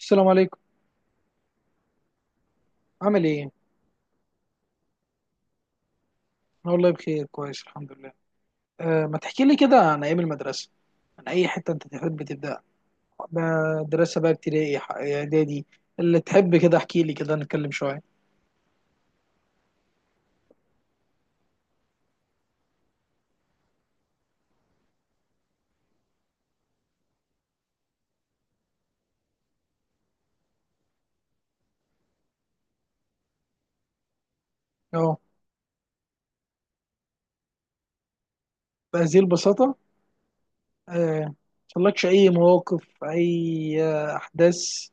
السلام عليكم. عامل ايه؟ أنا والله بخير كويس الحمد لله. ما تحكي لي كده عن ايام المدرسه، عن اي حته انت تحب تبدا. مدرسه بقى، ابتدائي، اعدادي، اللي تحب، كده احكي لي، كده نتكلم شويه. اه، بهذه البساطه؟ أه، مطلقش اي مواقف، اي احداث،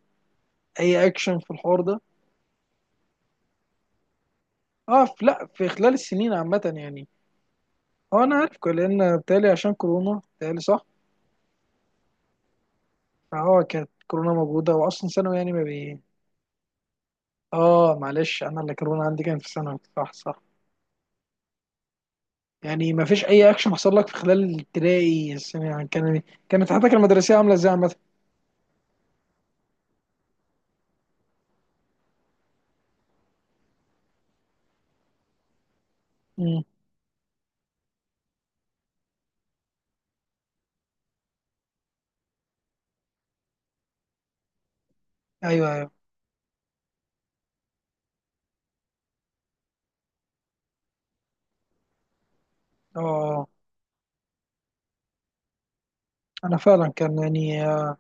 اي اكشن في الحوار ده؟ اه، في لا في، خلال السنين عامه يعني. هو انا عارف لان بتالي عشان كورونا بتالي، صح؟ فهو كانت كورونا موجوده واصلا ثانوي يعني ما بي اه معلش، انا اللي كورونا عندي كان في ثانوي، صح صح. يعني ما فيش اي اكشن حصل لك في خلال الابتدائي، السنه يعني كان، كانت حياتك المدرسيه عامله ازاي عامه؟ امم. ايوه ايوه. اه انا فعلا كان يعني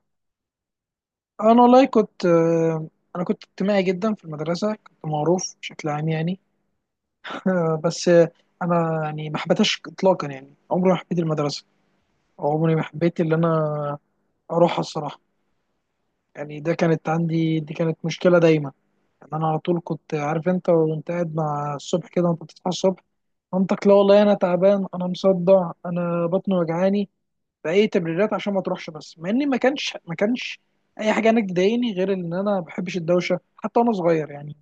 انا والله كنت انا كنت اجتماعي جدا في المدرسه، كنت معروف بشكل عام يعني. بس انا يعني ما حبيتهاش اطلاقا، يعني عمري ما حبيت المدرسه، عمري ما حبيت اللي انا اروحها الصراحه. يعني ده كانت عندي، دي كانت مشكله دايما. يعني انا على طول كنت عارف، انت وانت قاعد مع الصبح كده وانت بتصحى الصبح، مامتك، لا والله انا تعبان، انا مصدع، انا بطني وجعاني، باي تبريرات عشان ما تروحش. بس مع اني ما كانش اي حاجه انا تضايقني، غير ان انا ما بحبش الدوشه حتى وانا صغير يعني،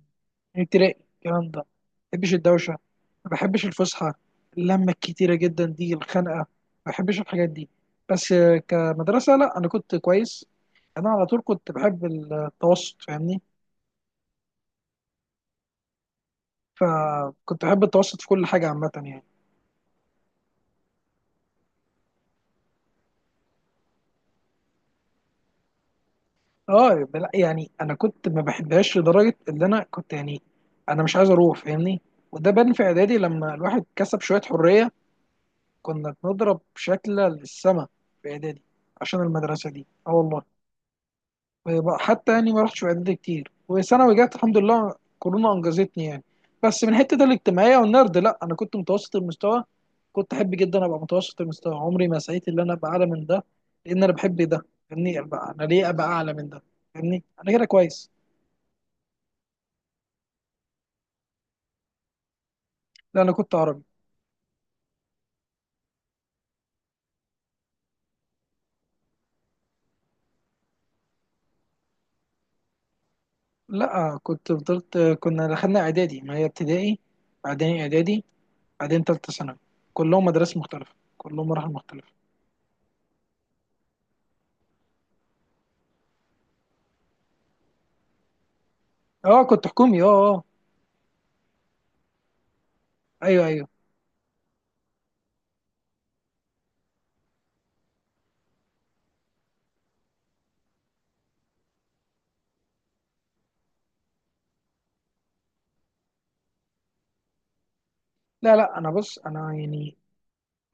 من ابتدائي الكلام ده. ما بحبش الدوشه، ما بحبش الفسحه، اللمه الكتيره جدا دي، الخنقه، ما بحبش الحاجات دي. بس كمدرسه لا انا كنت كويس. انا على طول كنت بحب التوسط، فاهمني؟ فكنت احب التوسط في كل حاجه عامه يعني. اه يعني انا كنت ما بحبهاش لدرجه اللي انا كنت يعني، انا مش عايز اروح فاهمني. وده بان في اعدادي لما الواحد كسب شويه حريه، كنا بنضرب شكل للسما في اعدادي عشان المدرسه دي. اه والله، يبقى حتى يعني ما رحتش في اعدادي كتير، وثانوي جت الحمد لله كورونا انجزتني يعني. بس من حته الاجتماعيه والنرد، لا انا كنت متوسط المستوى، كنت احب جدا ابقى متوسط المستوى، عمري ما سعيت ان انا ابقى اعلى من ده، لان انا بحب ده فاهمني، ابقى انا ليه ابقى اعلى من ده؟ فاهمني، انا كده كويس. لا انا كنت عربي. لا كنت فضلت، كنا دخلنا اعدادي، ما هي ابتدائي بعدين اعدادي بعدين ثالثه ثانوي، كلهم مدارس مختلفه كلهم مراحل مختلفه. اه كنت حكومي اه اه. ايوه ايوه. لا لا، انا بص، انا يعني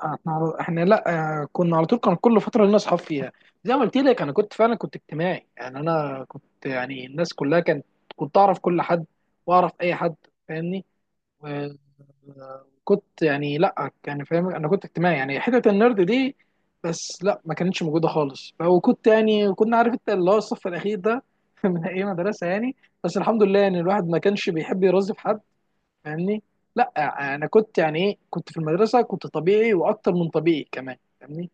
احنا على- احنا لا كنا على طول كان كل فتره لنا اصحاب فيها، زي ما قلت لك انا كنت فعلا كنت اجتماعي، يعني انا كنت يعني الناس كلها كانت، كنت اعرف كل حد واعرف اي حد فاهمني. و- وكنت يعني لا يعني فاهم انا كنت اجتماعي، يعني حته النرد دي بس لا ما كانتش موجوده خالص. وكنت يعني كنا عارف انت اللي هو الصف الاخير ده من اي مدرسه يعني، بس الحمد لله يعني الواحد ما كانش بيحب يرازي في حد. فاهمني؟ لا انا كنت يعني ايه، كنت في المدرسه كنت طبيعي واكتر من طبيعي كمان فاهمني.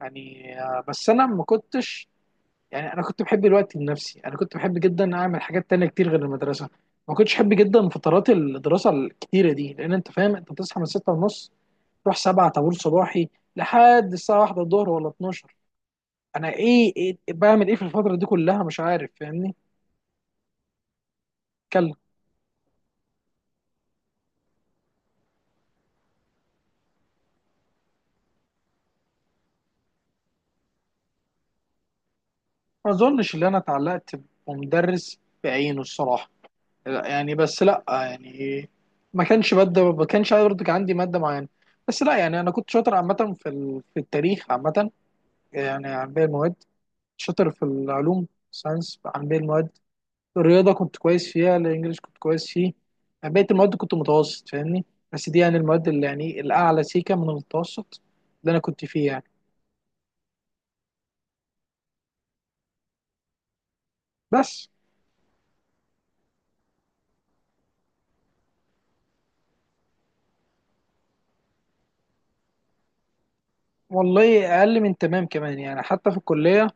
يعني بس انا ما كنتش يعني، انا كنت بحب الوقت لنفسي، انا كنت بحب جدا اعمل حاجات تانية كتير غير المدرسه. ما كنتش بحب جدا فترات الدراسه الكتيره دي، لان انت فاهم انت بتصحى من 6 ونص، تروح 7 طابور صباحي لحد الساعه 1 الظهر ولا 12. انا إيه بعمل ايه في الفتره دي كلها مش عارف فاهمني؟ اتكلم. ما اظنش ان انا اتعلقت بمدرس بعينه الصراحه. لا يعني، بس لا يعني ما كانش ماده، ما كانش برضه كان عندي ماده معينه. بس لا يعني انا كنت شاطر عامه في في التاريخ عامه يعني عن باقي المواد، شاطر في العلوم ساينس عن باقي المواد، الرياضه كنت كويس فيها، الانجليش كنت كويس فيه، يعني بقيه المواد كنت متوسط فاهمني. بس دي يعني المواد اللي يعني الاعلى سيكه من المتوسط اللي انا كنت فيه يعني. بس والله اقل من تمام كمان يعني حتى في الكليه.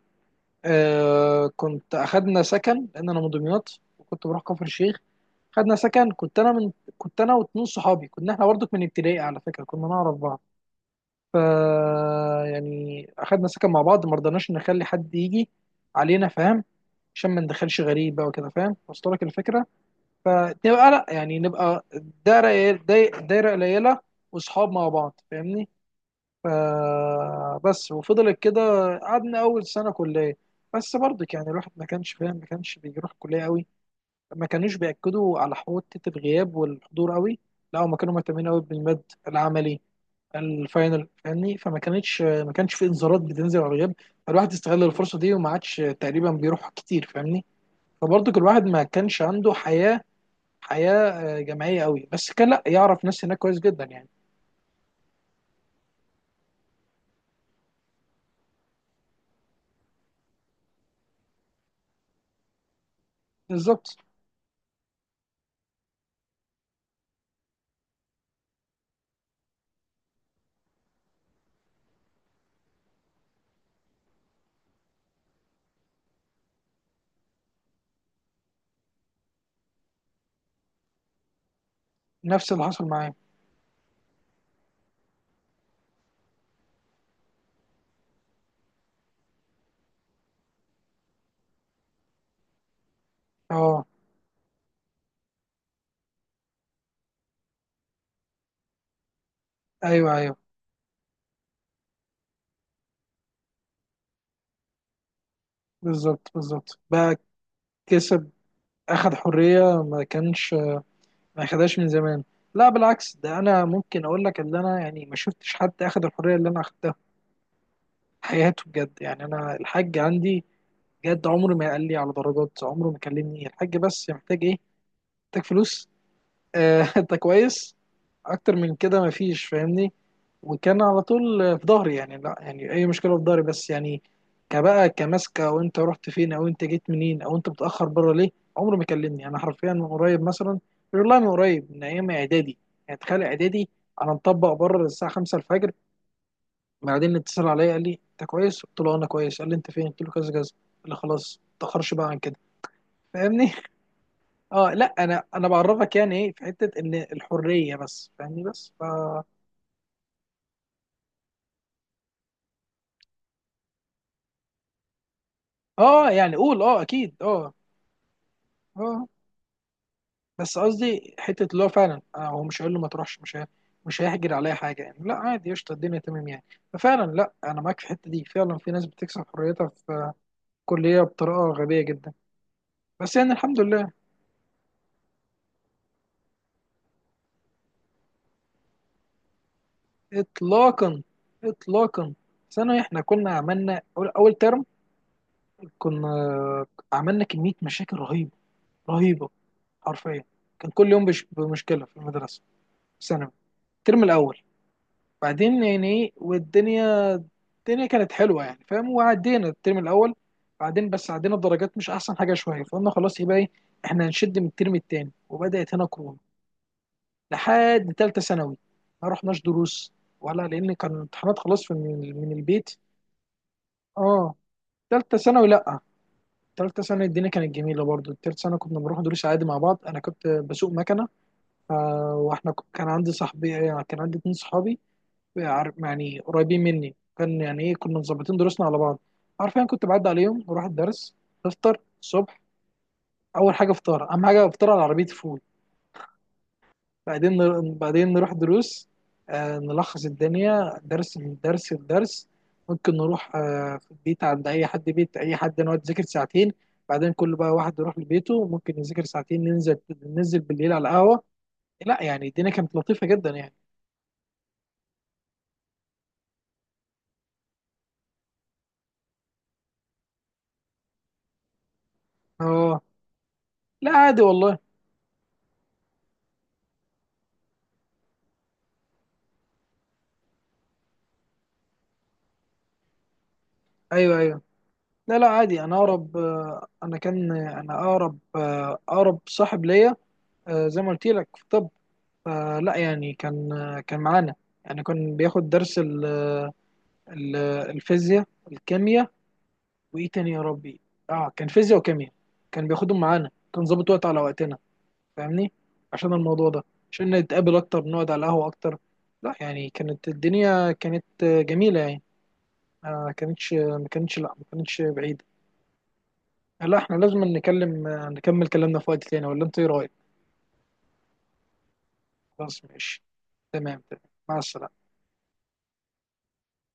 آه كنت، اخدنا سكن لان انا من دمياط وكنت بروح كفر الشيخ، خدنا سكن، كنت انا من، كنت انا واتنين صحابي، كنا احنا برضك من ابتدائي على فكره كنا نعرف بعض. ف، يعني اخدنا سكن مع بعض، ما رضناش نخلي حد يجي علينا فاهم، عشان ما ندخلش غريب بقى وكده فاهم، وصل لك الفكره. فنبقى لا يعني نبقى دايره دايره قليله، واصحاب مع بعض فاهمني. فبس، وفضلت كده، قعدنا اول سنه كليه. بس برضك يعني الواحد ما كانش فاهم، ما كانش بيروح كليه قوي، ما كانوش بياكدوا على حته الغياب والحضور قوي. لا هم كانوا مهتمين قوي بالمد، العملي، الفاينل فاهمني، فما كانتش ما كانش في انذارات بتنزل على الغياب، فالواحد استغل الفرصه دي وما عادش تقريبا بيروح كتير فاهمني. فبرضك الواحد ما كانش عنده حياه، حياه جماعيه قوي، بس كان لا يعرف ناس هناك كويس جدا يعني. بالظبط نفس اللي حصل معايا. اه ايوه ايوه. بالظبط بالظبط بقى. كسب، اخد حريه ما كانش ما خدهاش من زمان. لا بالعكس، ده انا ممكن اقول لك ان انا يعني ما شفتش حد اخد الحريه اللي انا اخدتها في حياته بجد، يعني انا الحاج عندي بجد عمره ما قال لي على درجات، عمره ما كلمني الحاج بس محتاج ايه، محتاج فلوس آه انت كويس، اكتر من كده ما فيش فاهمني. وكان على طول في ظهري، يعني لا يعني اي مشكله في ظهري بس يعني كبقى كماسكه، او انت رحت فين او انت جيت منين او انت متاخر بره ليه. عمره ما كلمني انا حرفيا من قريب مثلا، والله من قريب من ايام اعدادي، يعني تخيل اعدادي. انا مطبق بره الساعه 5 الفجر، بعدين اتصل عليا قال لي انت كويس، قلت له انا كويس، قال لي انت فين، قلت له كذا كذا، قال لي خلاص ما تاخرش بقى عن كده. فاهمني؟ اه لا انا انا بعرفك يعني ايه في حته ان الحريه بس فاهمني بس ف. اه يعني قول اه اكيد اه. اه بس قصدي حته اللي هو فعلا هو مش هيقول له ما تروحش، مش هيحجر عليا حاجه، يعني لا عادي قشطه الدنيا تمام يعني. ففعلا لا انا معاك في الحته دي، فعلا في ناس بتكسب حريتها في كليه بطريقه غبيه جدا، بس يعني الحمد لله. اطلاقا، اطلاقا. ثانوي احنا كنا عملنا اول ترم، كنا عملنا كميه مشاكل رهيبه، رهيبه، حرفيا كان كل يوم بمشكله في المدرسه في ثانوي الترم الاول. بعدين يعني ايه والدنيا، الدنيا كانت حلوه يعني فاهم، وعدينا الترم الاول. بعدين بس عدينا الدرجات مش احسن حاجه شويه، فقلنا خلاص يبقى ايه، احنا هنشد من الترم التاني، وبدات هنا كورونا لحد ثالثه ثانوي. ما رحناش دروس ولا، لان كان امتحانات خلاص في من البيت. اه ثالثه ثانوي لا، ثالثه ثانوي الدنيا كانت جميله برضو. ثالثه ثانوي كنا بنروح دروس عادي مع بعض، انا كنت بسوق مكنه، واحنا كان عندي صاحبي، كان عندي اتنين صحابي عارف يعني قريبين مني، كان يعني ايه كنا مظبطين دروسنا على بعض، عارفين. كنت بعدي عليهم بروح الدرس، نفطر الصبح، اول حاجه فطار اهم حاجه، فطار على عربيه فول. بعدين نروح دروس، آه نلخص الدنيا درس من درس لدرس. ممكن نروح آه في البيت عند اي حد، بيت اي حد نقعد نذاكر ساعتين، بعدين كل بقى واحد يروح لبيته ممكن يذاكر ساعتين، ننزل ننزل بالليل على قهوه. لا يعني الدنيا كانت لطيفه جدا يعني. اه لا عادي والله. ايوه ايوه. لا لا عادي، انا اقرب انا كان انا اقرب اقرب صاحب ليا زي ما قلت لك في طب. فلا يعني كان كان معانا، يعني كان بياخد درس ال- الفيزياء الكيمياء، وايه تاني يا ربي، اه كان فيزياء وكيمياء، كان بياخدهم معانا، كان ظابط وقت على وقتنا فاهمني، عشان الموضوع ده، عشان نتقابل اكتر نقعد على القهوة اكتر. لا يعني كانت الدنيا كانت جميلة يعني. ما كانتش ما كانتش، لا ما كانتش بعيدة. لا احنا لازم نكمل كلامنا في وقت تاني، ولا انت ايه رايك؟ خلاص ماشي، تمام تمام، مع السلامه.